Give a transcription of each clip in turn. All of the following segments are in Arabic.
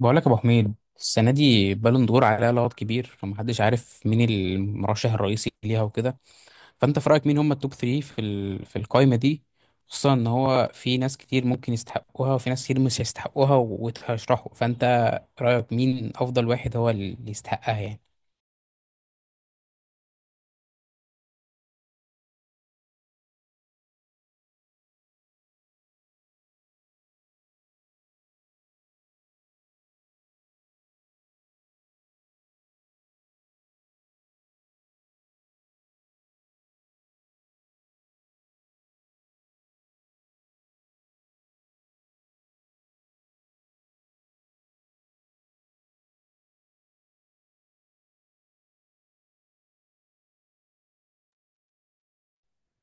بقول لك يا ابو حميد، السنه دي بالون دور عليها لغط كبير، فمحدش عارف مين المرشح الرئيسي ليها وكده. فانت في رايك مين هم التوب 3 في القائمه دي؟ خصوصا ان هو في ناس كتير ممكن يستحقوها وفي ناس كتير مش هيستحقوها وتشرحوا. فانت رايك مين افضل واحد هو اللي يستحقها يعني؟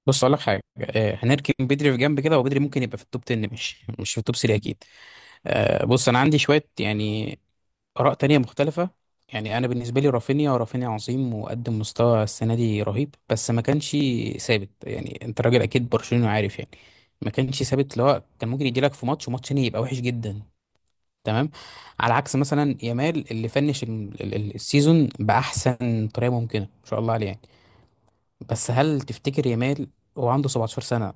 بص اقول لك حاجه. هنركن بدري في جنب كده، وبدري ممكن يبقى في التوب 10، مش في التوب 3 اكيد. بص انا عندي شويه يعني آراء تانية مختلفة. يعني أنا بالنسبة لي رافينيا عظيم وقدم مستوى السنة دي رهيب، بس ما كانش ثابت. يعني أنت راجل أكيد برشلوني وعارف يعني. ما كانش ثابت، اللي هو كان ممكن يجيلك في ماتش وماتش تاني يبقى وحش جدا. تمام؟ على عكس مثلا يامال اللي فنش السيزون بأحسن طريقة ممكنة، ما شاء الله عليه يعني. بس هل تفتكر يامال، هو عنده 17 سنة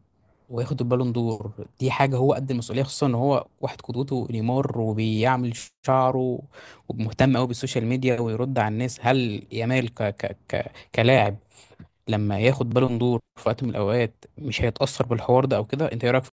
وياخد البالون دور، دي حاجة هو قد المسؤولية؟ خصوصا ان هو واحد قدوته نيمار، وبيعمل شعره، ومهتم قوي بالسوشيال ميديا ويرد على الناس. هل يامال ك ك ك كلاعب لما ياخد بالون دور في وقت من الاوقات مش هيتأثر بالحوار ده او كده؟ انت ايه رأيك في-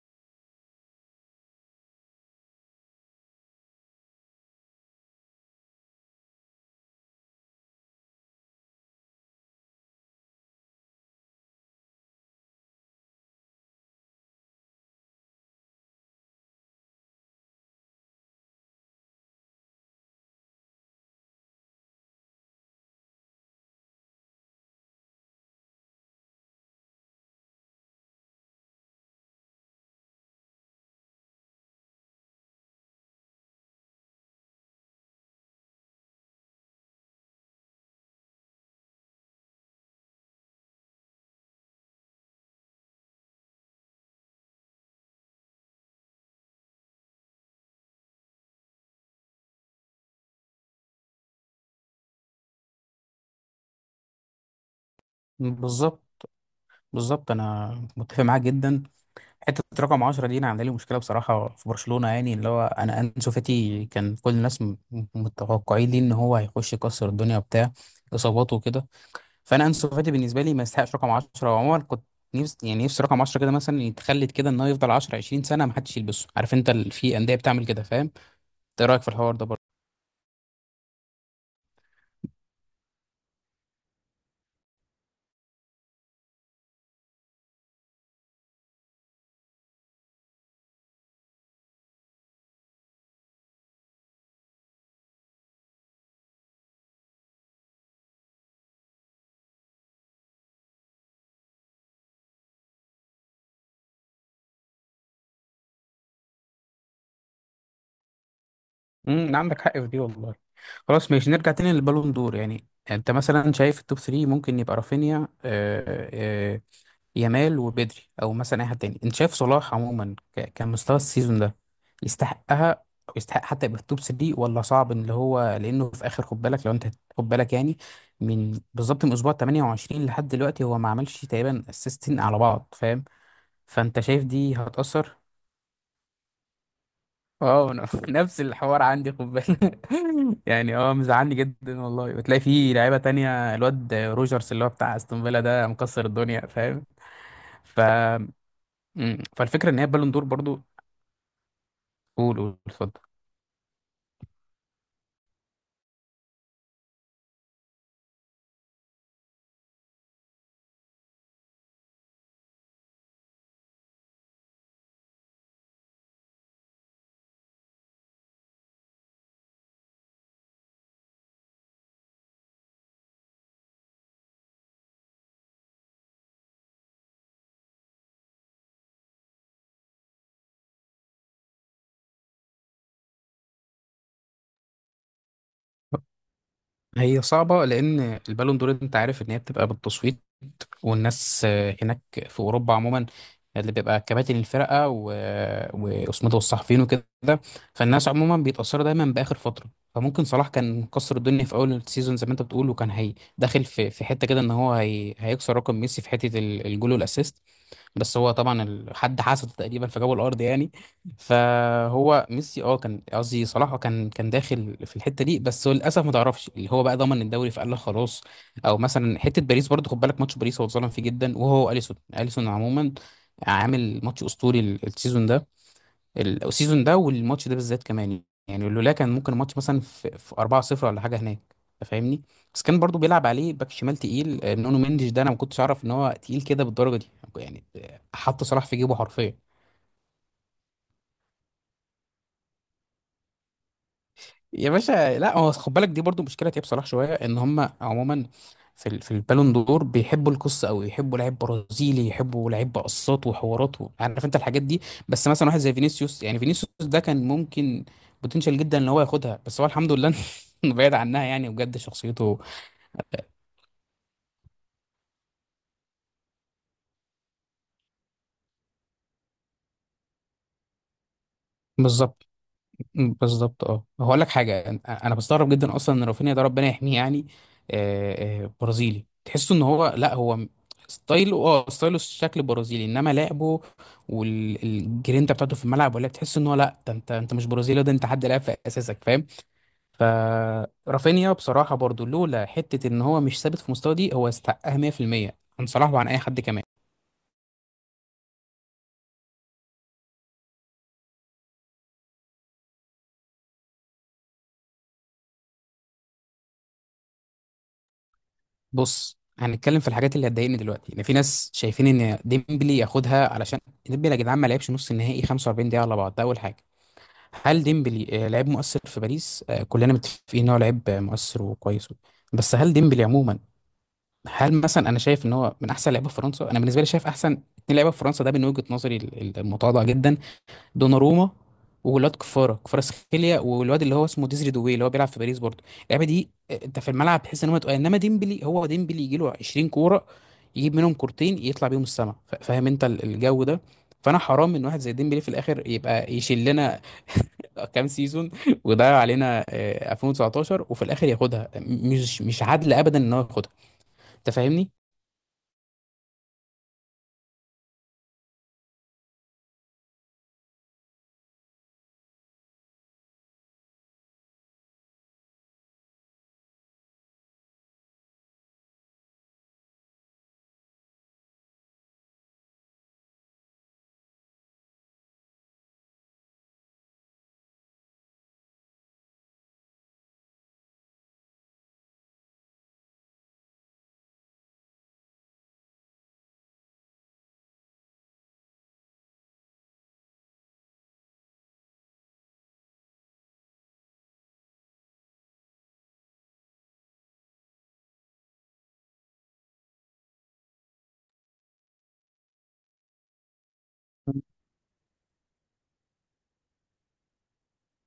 بالظبط. بالظبط، انا متفق معاك جدا. حته رقم 10 دي انا عامله لي مشكله بصراحه في برشلونه، يعني اللي هو انا انسو فاتي كان كل الناس متوقعين ليه ان هو هيخش يكسر الدنيا، بتاع اصاباته وكده. فانا انسو فاتي بالنسبه لي ما يستحقش رقم 10. وعموما كنت نفسي، نفسي رقم 10 كده مثلا يتخلد، كده ان هو يفضل 10 20 سنه ما حدش يلبسه. عارف انت في انديه بتعمل كده، فاهم؟ انت إيه رايك في الحوار ده برضه؟ امم، عندك حق في دي والله. خلاص ماشي، نرجع تاني للبالون دور. يعني انت مثلا شايف التوب 3 ممكن يبقى رافينيا، يامال، وبدري؟ او مثلا اي حد تاني؟ انت شايف صلاح عموما كمستوى السيزون ده يستحقها، او يستحق حتى يبقى في التوب 3؟ ولا صعب ان هو، لانه في اخر، خد بالك، لو انت خد بالك يعني من بالظبط من اسبوع 28 لحد دلوقتي هو ما عملش تقريبا اسيستين على بعض، فاهم؟ فانت شايف دي هتأثر؟ اه أنا نفس الحوار عندي، خد بالك. يعني اه مزعلني جدا والله. وتلاقي في لعيبه تانية، الواد روجرز اللي هو بتاع استون فيلا ده مكسر الدنيا، فاهم؟ ف- فالفكره ان هي البالون دور برضو. قول اتفضل. هي صعبه، لان البالون دور انت عارف ان هي بتبقى بالتصويت، والناس هناك في اوروبا عموما، اللي بيبقى كباتن الفرقه واسمه ده، والصحفيين وكده. فالناس عموما بيتاثروا دايما باخر فتره. فممكن صلاح كان مكسر الدنيا في اول السيزون زي ما انت بتقول، وكان داخل في حته كده ان هو هيكسر رقم ميسي في حته الجول والاسيست. بس هو طبعا حد حسده تقريبا فجابه الارض يعني. فهو ميسي اه كان قصدي صلاح، كان داخل في الحته دي، بس هو للاسف ما تعرفش اللي هو بقى ضمن الدوري فقال لك خلاص. او مثلا حته باريس برضه، خد بالك ماتش باريس هو اتظلم فيه جدا. وهو اليسون عموما عامل ماتش اسطوري السيزون ده. والماتش ده بالذات كمان يعني لولا، كان ممكن الماتش مثلا في 4-0 ولا حاجه هناك، انت فاهمني. بس كان برضو بيلعب عليه باك شمال تقيل، نونو مندش ده انا ما كنتش اعرف ان هو تقيل كده بالدرجه دي. يعني حط صلاح في جيبه حرفيا. يا باشا لا، هو خد بالك دي برضو مشكله تياب صلاح شويه، ان هم عموما في في البالون دور بيحبوا القصه قوي، يحبوا لعيب برازيلي، يحبوا لعيب قصات وحوارات، عارف انت الحاجات دي. بس مثلا واحد زي فينيسيوس، يعني فينيسيوس ده كان ممكن، بوتنشال جدا ان هو ياخدها، بس هو الحمد لله بعيد عنها يعني بجد شخصيته. بالظبط. مم، بالظبط. اه هقول لك حاجه انا، أنا بستغرب جدا اصلا ان رافينيا ده، ربنا يحميه يعني، برازيلي تحسه ان هو لا، ستايله، ستايله شكل برازيلي، انما لعبه والجرينتا بتاعته في الملعب، ولا تحس ان هو لا ده انت انت مش برازيلي، ده انت حد لعب في اساسك، فاهم؟ فرافينيا بصراحه برضو، لولا حته ان هو مش ثابت في مستوى دي، هو استحقها 100%، عن صلاح وعن اي حد كمان. بص هنتكلم في الحاجات اللي هتضايقني دلوقتي. ان في ناس شايفين ان ديمبلي ياخدها، علشان ديمبلي يا جدعان ما لعبش نص النهائي 45 دقيقه على بعض، ده اول حاجه. هل ديمبلي لعيب مؤثر في باريس؟ كلنا متفقين ان هو لعيب مؤثر وكويس. بس هل ديمبلي عموما، هل مثلا انا شايف ان هو من احسن لعيبه في فرنسا؟ انا بالنسبه لي شايف احسن اتنين لعيبه في فرنسا ده من وجهه نظري المتواضعه جدا، دوناروما، وولاد كفاره، كفاراتسخيليا، والواد اللي هو اسمه ديزري دوي اللي هو بيلعب في باريس برضه. اللعيبه دي انت في الملعب تحس ان هو تقال، انما ديمبلي هو ديمبلي يجي له 20 كوره يجيب منهم كورتين يطلع بيهم السما. فاهم انت الجو ده؟ فانا حرام ان واحد زي ديمبلي في الاخر يبقى يشيل لنا كام سيزون ويضيع علينا 2019 وفي الاخر ياخدها، مش عادل ابدا ان هو ياخدها، انت فاهمني؟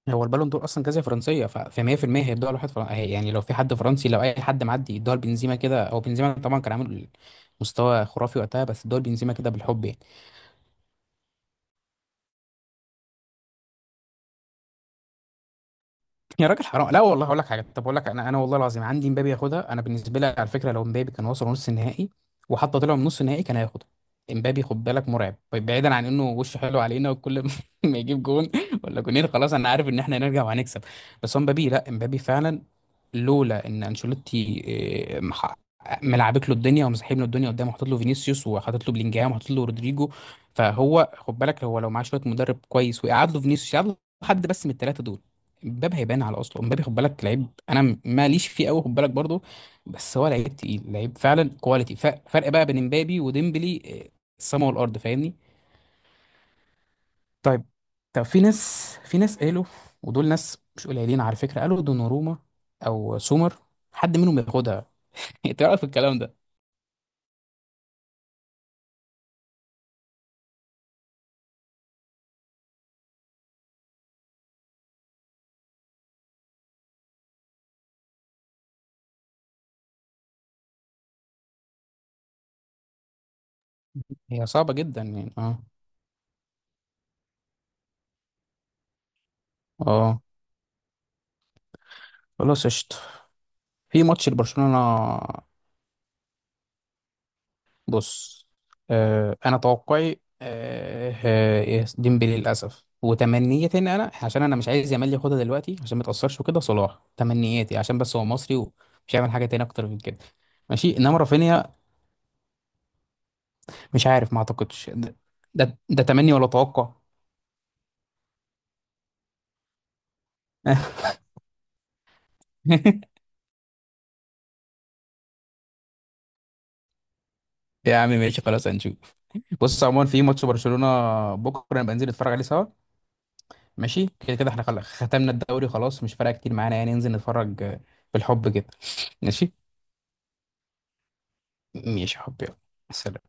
هو البالون دور اصلا جائزه فرنسيه، ف 100% هيدوها لواحد فرنسي يعني لو في حد فرنسي. لو اي حد معدي يدوها لبنزيما كده، هو بنزيما طبعا كان عامل مستوى خرافي وقتها، بس ادوها لبنزيما كده بالحب يعني. يا راجل حرام، لا والله هقول لك حاجه. طب اقول لك انا، انا والله العظيم عندي مبابي ياخدها. انا بالنسبه لي على فكره لو مبابي كان وصل نص النهائي وحتى طلع من نص النهائي كان هياخدها. مبابي خد بالك مرعب. طيب بعيدا عن انه وشه حلو علينا، وكل ما ما يجيب جون ولا جونين خلاص انا عارف ان احنا هنرجع وهنكسب. بس هو مبابي، لا مبابي فعلا، لولا ان انشيلوتي آه، مح- ملعبك له الدنيا، ومسحب له الدنيا قدامه، وحاطط له فينيسيوس، وحاطط له بلينجهام، وحاطط له رودريجو. فهو خد بالك، هو لو معاه شويه مدرب كويس، ويقعد له فينيسيوس، يقعد له حد بس من الثلاثه دول، مبابي هيبان على اصله. مبابي خد بالك لعيب انا ماليش فيه قوي، خد بالك برضه. بس هو لعيب تقيل، لعيب فعلا كواليتي. فرق بقى بين مبابي وديمبلي، السما والارض، فاهمني؟ طيب، طب في ناس، قالوا، ودول ناس مش قليلين على فكره، قالوا دوناروما او سومر حد منهم ياخدها. انت رايك في الكلام ده؟ هي صعبه جدا يعني، اه. اه خلاص قشطه، في ماتش لبرشلونه. بص، آه انا توقعي آه، ديمبلي للاسف. وتمنيتي ان انا، عشان انا مش عايز يامال ياخدها دلوقتي عشان ما تاثرش وكده، صلاح تمنياتي عشان بس هو مصري، ومش هيعمل حاجه تاني اكتر من كده. ماشي، انما رافينيا، مش عارف، ما اعتقدش. ده، ده تمني ولا توقع؟ يا عم ماشي، خلاص هنشوف. بص عموما في ماتش برشلونه بكره، نبقى ننزل نتفرج عليه سوا. ماشي كده كده احنا خلاص ختمنا الدوري، خلاص مش فارقه كتير معانا يعني. ننزل نتفرج بالحب كده. ماشي. ماشي يا حبيبي، سلام.